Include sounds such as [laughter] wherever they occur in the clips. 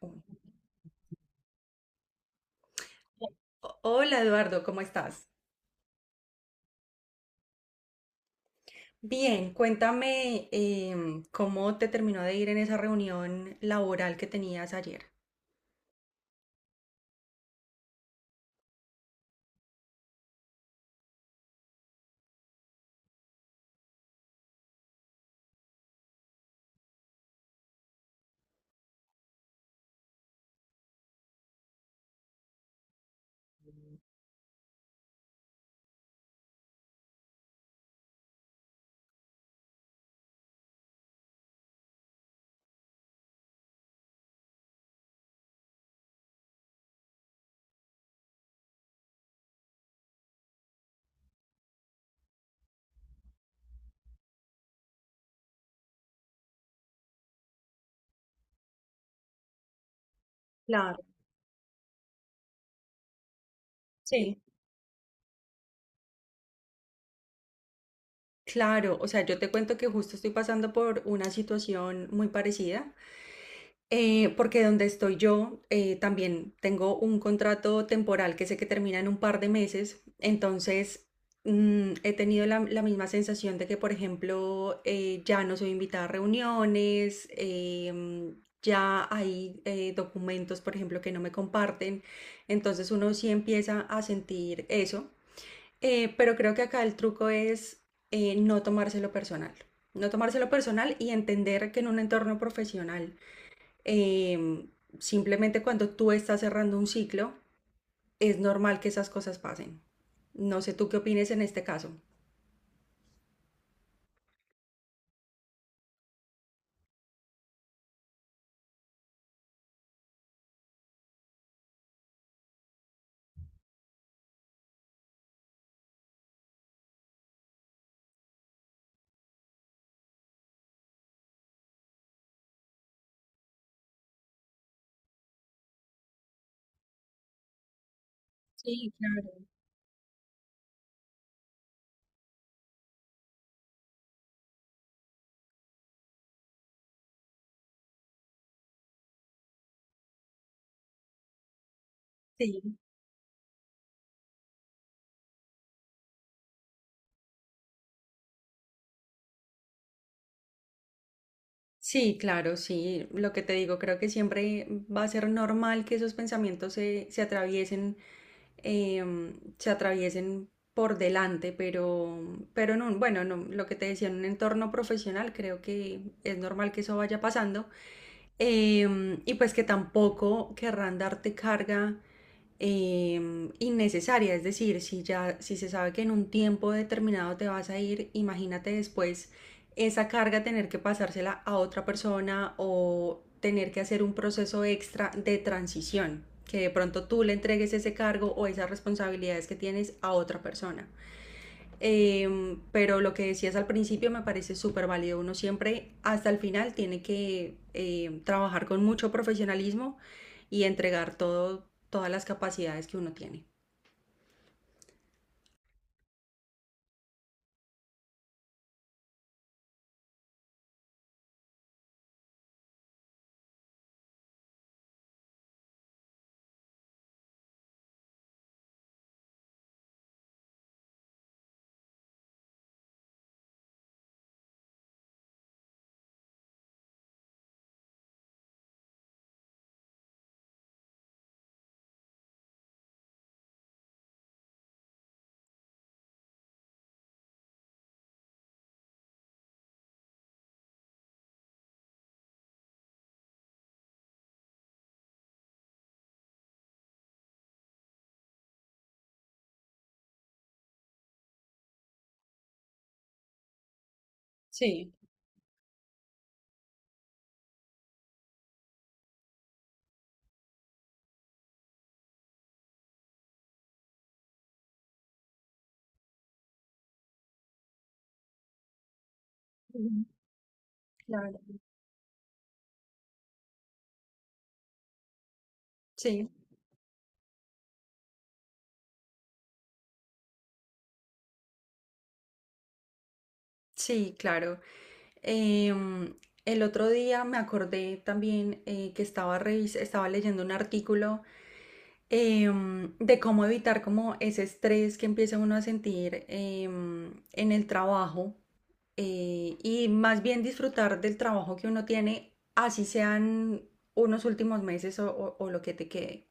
Uno. Hola Eduardo, ¿cómo estás? Bien, cuéntame cómo te terminó de ir en esa reunión laboral que tenías ayer. Claro, sí. Claro, o sea, yo te cuento que justo estoy pasando por una situación muy parecida. Porque donde estoy yo también tengo un contrato temporal que sé que termina en un par de meses, entonces he tenido la misma sensación de que, por ejemplo, ya no soy invitada a reuniones, ya hay documentos, por ejemplo, que no me comparten, entonces uno sí empieza a sentir eso. Pero creo que acá el truco es no tomárselo personal, no tomárselo personal y entender que en un entorno profesional Em, simplemente cuando tú estás cerrando un ciclo, es normal que esas cosas pasen. No sé tú qué opines en este caso. Sí, claro, sí. Sí, claro, sí. Lo que te digo, creo que siempre va a ser normal que esos pensamientos se atraviesen, se atraviesen por delante, pero en un, bueno, no, lo que te decía, en un entorno profesional, creo que es normal que eso vaya pasando. Y pues que tampoco querrán darte carga innecesaria. Es decir, si ya, si se sabe que en un tiempo determinado te vas a ir, imagínate después esa carga tener que pasársela a otra persona o tener que hacer un proceso extra de transición, que de pronto tú le entregues ese cargo o esas responsabilidades que tienes a otra persona. Pero lo que decías al principio me parece súper válido. Uno siempre hasta el final tiene que trabajar con mucho profesionalismo y entregar todo, todas las capacidades que uno tiene. Sí. Ujú. Claro. Sí, sí, claro. Em, el otro día me acordé también que estaba, estaba leyendo un artículo de cómo evitar como ese estrés que empieza uno a sentir en el trabajo y más bien disfrutar del trabajo que uno tiene, así sean unos últimos meses o, o lo que te quede.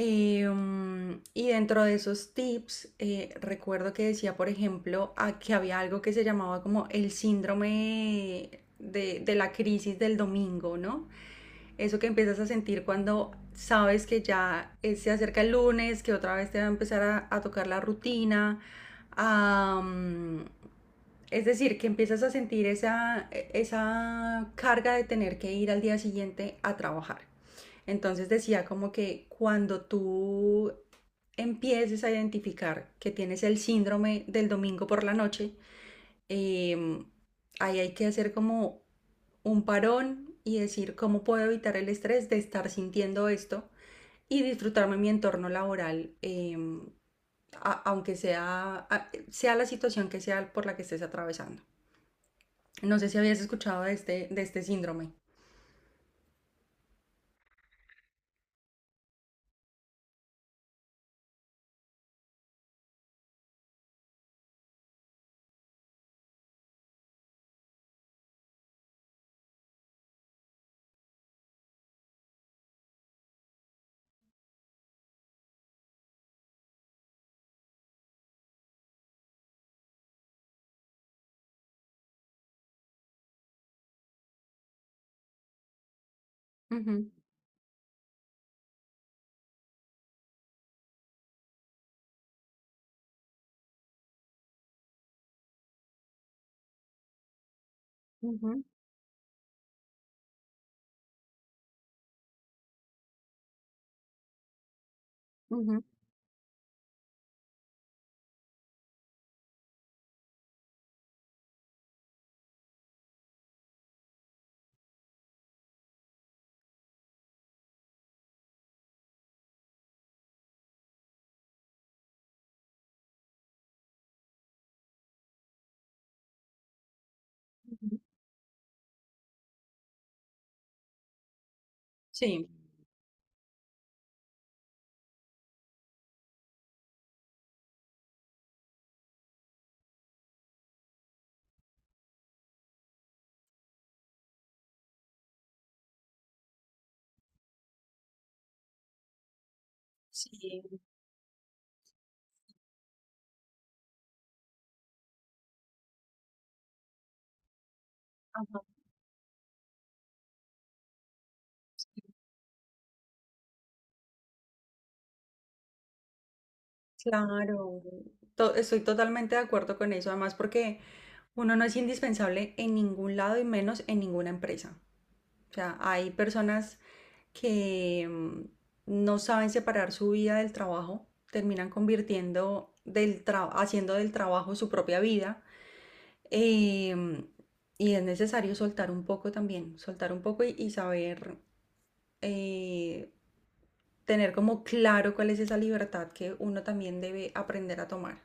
Y dentro de esos tips, recuerdo que decía, por ejemplo, a que había algo que se llamaba como el síndrome de la crisis del domingo, ¿no? Eso que empiezas a sentir cuando sabes que ya se acerca el lunes, que otra vez te va a empezar a tocar la rutina. am, es decir, que empiezas a sentir esa carga de tener que ir al día siguiente a trabajar. Entonces decía como que cuando tú empieces a identificar que tienes el síndrome del domingo por la noche, eh, ahí hay que hacer como un parón y decir cómo puedo evitar el estrés de estar sintiendo esto y disfrutarme mi entorno laboral, aunque sea, sea la situación que sea por la que estés atravesando. No sé si habías escuchado de este síndrome. Ujú, ujú, ujú, ujú. Sí, sí, ajá. Sí. Claro, estoy totalmente de acuerdo con eso, además porque uno no es indispensable en ningún lado y menos en ninguna empresa. O sea, hay personas que no saben separar su vida del trabajo, terminan convirtiendo haciendo del trabajo su propia vida, em, y es necesario soltar un poco también, soltar un poco y saber eh, tener como claro cuál es esa libertad que uno también debe aprender a tomar.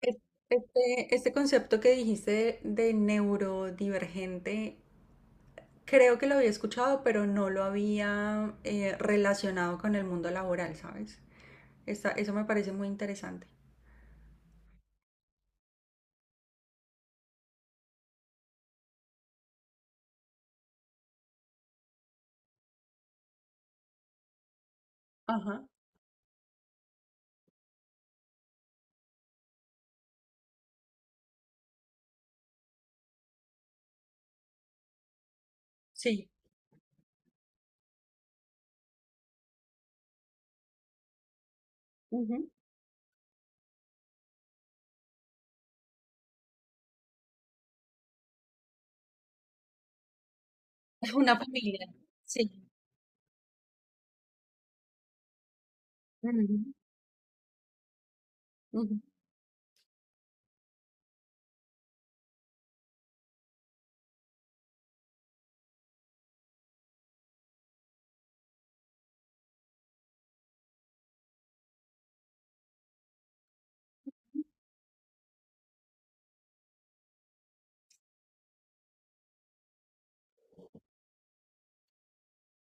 Es- este concepto que dijiste de neurodivergente, creo que lo había escuchado, pero no lo había relacionado con el mundo laboral, ¿sabes? Eso me parece muy interesante. Ajá, sí. Ujú. Es una familia, sí. Ujú, ujú.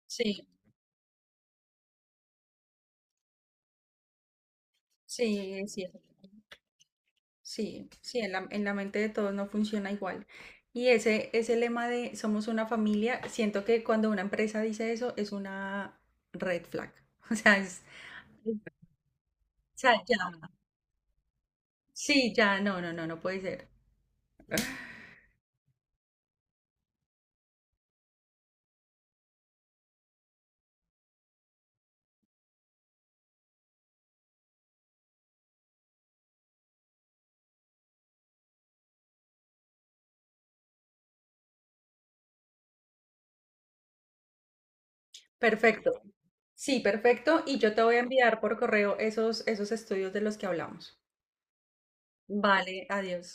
Sí, sí, es cierto. Sí, sí, en la mente de todos no funciona igual. Y ese lema de somos una familia, siento que cuando una empresa dice eso es una red flag. [laughs] O sea, es, o sea, ya. Sí, ya, no, no, no, no puede ser. Perfecto. Sí, perfecto. Y yo te voy a enviar por correo esos, esos estudios de los que hablamos. Vale, adiós.